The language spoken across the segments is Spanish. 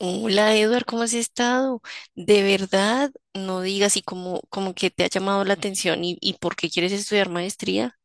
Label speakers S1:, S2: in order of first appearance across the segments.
S1: Hola, Edward, ¿cómo has estado? De verdad, no digas y como que te ha llamado la atención y por qué quieres estudiar maestría.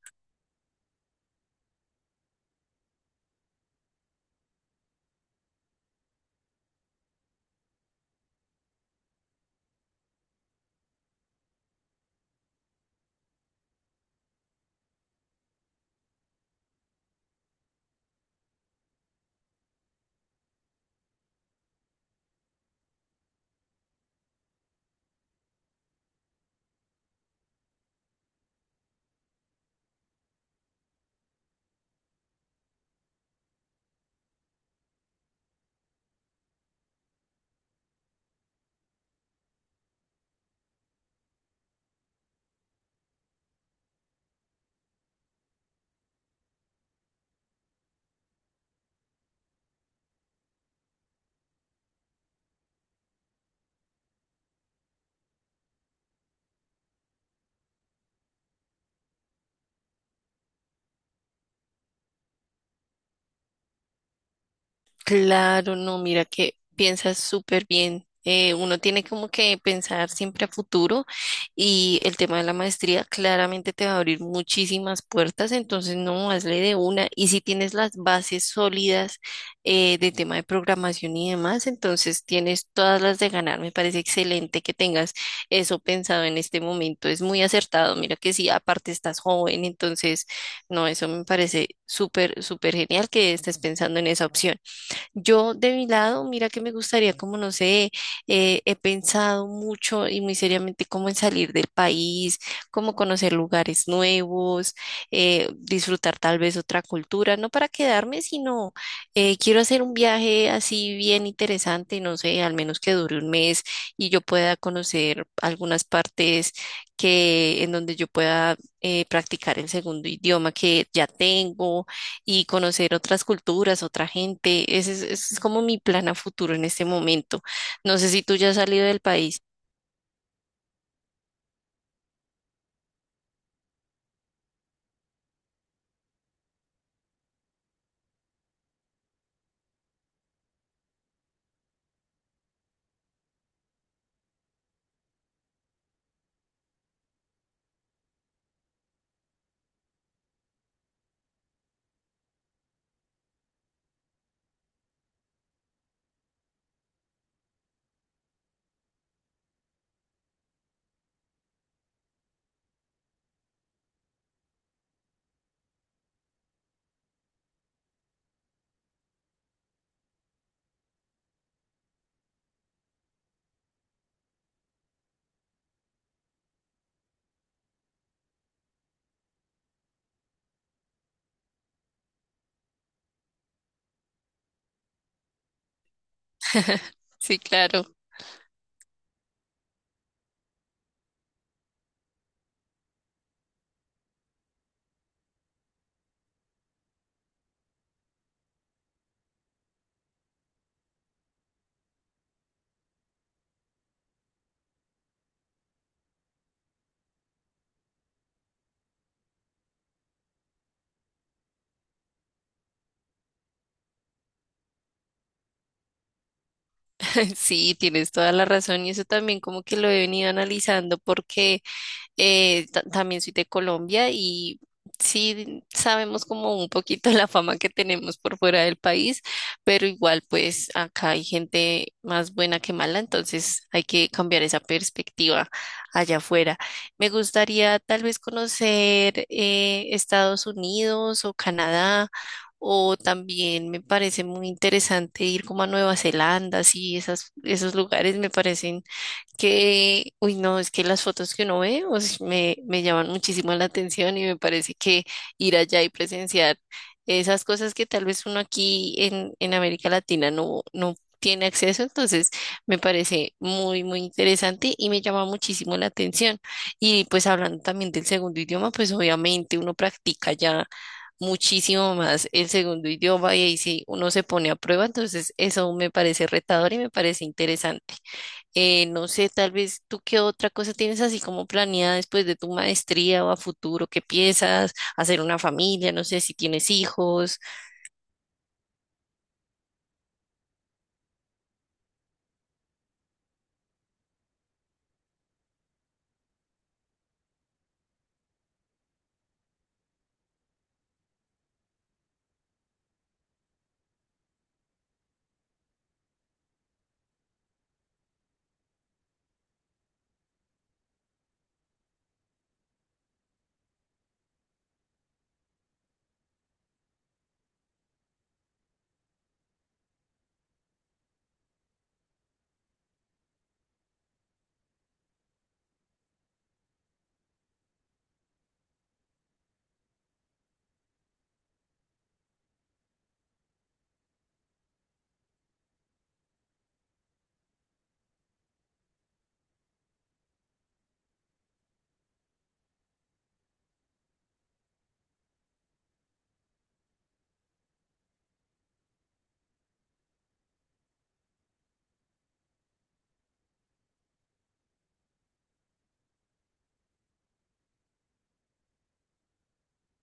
S1: Claro, no, mira que piensas súper bien. Uno tiene como que pensar siempre a futuro y el tema de la maestría claramente te va a abrir muchísimas puertas, entonces no, hazle de una. Y si tienes las bases sólidas, de tema de programación y demás, entonces tienes todas las de ganar. Me parece excelente que tengas eso pensado en este momento. Es muy acertado. Mira que sí, aparte estás joven, entonces no, eso me parece súper, súper genial que estés pensando en esa opción. Yo de mi lado, mira que me gustaría, como no sé, he pensado mucho y muy seriamente como en salir del país, como conocer lugares nuevos, disfrutar tal vez otra cultura, no para quedarme, sino quiero hacer un viaje así bien interesante, no sé, al menos que dure un mes y yo pueda conocer algunas partes que en donde yo pueda practicar el segundo idioma que ya tengo y conocer otras culturas, otra gente. Ese es como mi plan a futuro en este momento. No sé si tú ya has salido del país. Sí, claro. Sí, tienes toda la razón y eso también como que lo he venido analizando porque también soy de Colombia y sí sabemos como un poquito la fama que tenemos por fuera del país, pero igual pues acá hay gente más buena que mala, entonces hay que cambiar esa perspectiva allá afuera. Me gustaría tal vez conocer, Estados Unidos o Canadá. O también me parece muy interesante ir como a Nueva Zelanda, sí, esos lugares me parecen que, uy, no, es que las fotos que uno ve, o sea, me llaman muchísimo la atención y me parece que ir allá y presenciar esas cosas que tal vez uno aquí en América Latina no, no tiene acceso, entonces me parece muy, muy interesante y me llama muchísimo la atención. Y pues hablando también del segundo idioma, pues obviamente uno practica ya muchísimo más el segundo idioma y ahí sí uno se pone a prueba, entonces eso me parece retador y me parece interesante. No sé, tal vez tú qué otra cosa tienes así como planeada después de tu maestría o a futuro, qué piensas, hacer una familia, no sé si tienes hijos.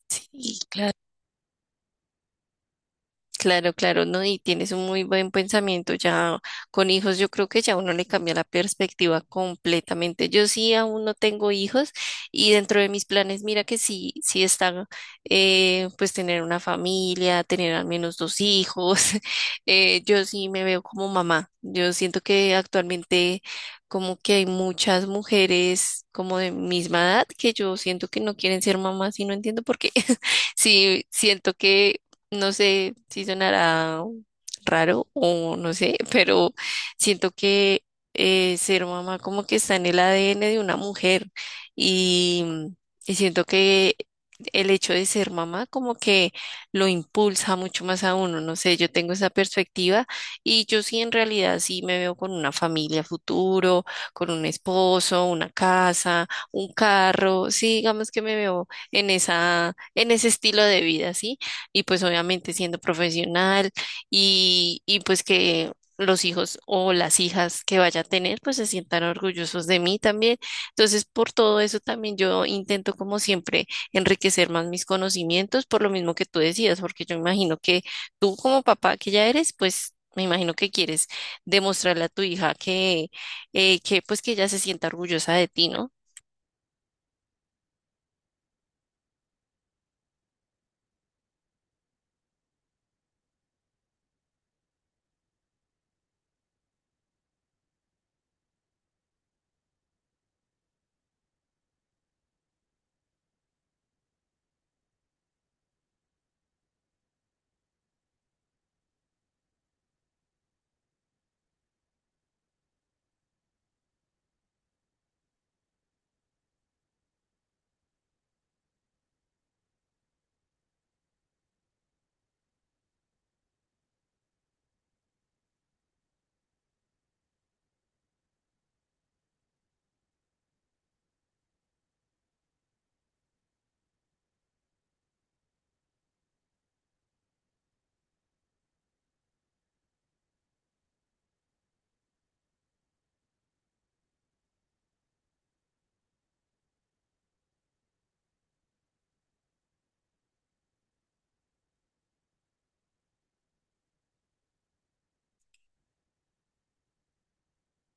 S1: Sí, claro. Claro, claro, ¿no? Y tienes un muy buen pensamiento. Ya con hijos, yo creo que ya uno le cambia la perspectiva completamente. Yo sí aún no tengo hijos y dentro de mis planes, mira que sí, sí está, pues tener una familia, tener al menos dos hijos. Yo sí me veo como mamá. Yo siento que actualmente como que hay muchas mujeres como de misma edad que yo siento que no quieren ser mamás y no entiendo por qué. Sí, siento que no sé si sonará raro o no sé, pero siento que, ser mamá como que está en el ADN de una mujer y, y siento que el hecho de ser mamá como que lo impulsa mucho más a uno, no sé, yo tengo esa perspectiva y yo sí en realidad sí me veo con una familia futuro, con un esposo, una casa, un carro, sí, digamos que me veo en esa, en ese estilo de vida, ¿sí? Y pues obviamente siendo profesional y pues que los hijos o las hijas que vaya a tener pues se sientan orgullosos de mí también. Entonces, por todo eso también yo intento como siempre enriquecer más mis conocimientos por lo mismo que tú decías, porque yo imagino que tú como papá que ya eres, pues me imagino que quieres demostrarle a tu hija que pues que ella se sienta orgullosa de ti, ¿no?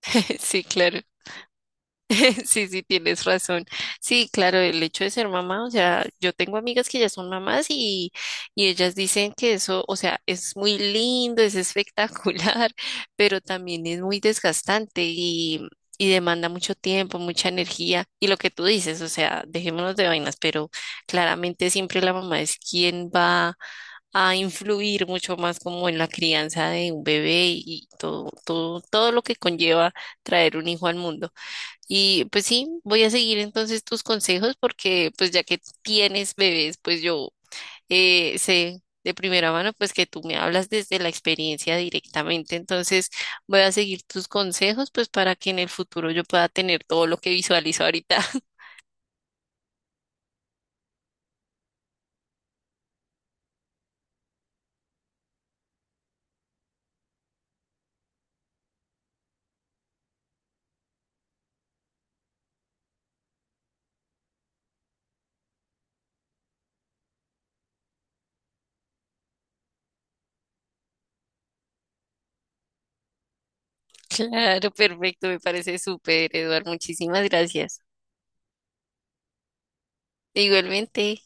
S1: Sí, claro. Sí, sí, tienes razón. Sí, claro, el hecho de ser mamá, o sea, yo tengo amigas que ya son mamás y ellas dicen que eso, o sea, es muy lindo, es espectacular, pero también es muy desgastante y demanda mucho tiempo, mucha energía. Y lo que tú dices, o sea, dejémonos de vainas, pero claramente siempre la mamá es quien va a influir mucho más como en la crianza de un bebé y todo, todo, todo lo que conlleva traer un hijo al mundo. Y pues sí, voy a seguir entonces tus consejos porque pues ya que tienes bebés, pues yo, sé de primera mano pues que tú me hablas desde la experiencia directamente. Entonces voy a seguir tus consejos pues para que en el futuro yo pueda tener todo lo que visualizo ahorita. Claro, perfecto, me parece súper, Eduard. Muchísimas gracias. Igualmente.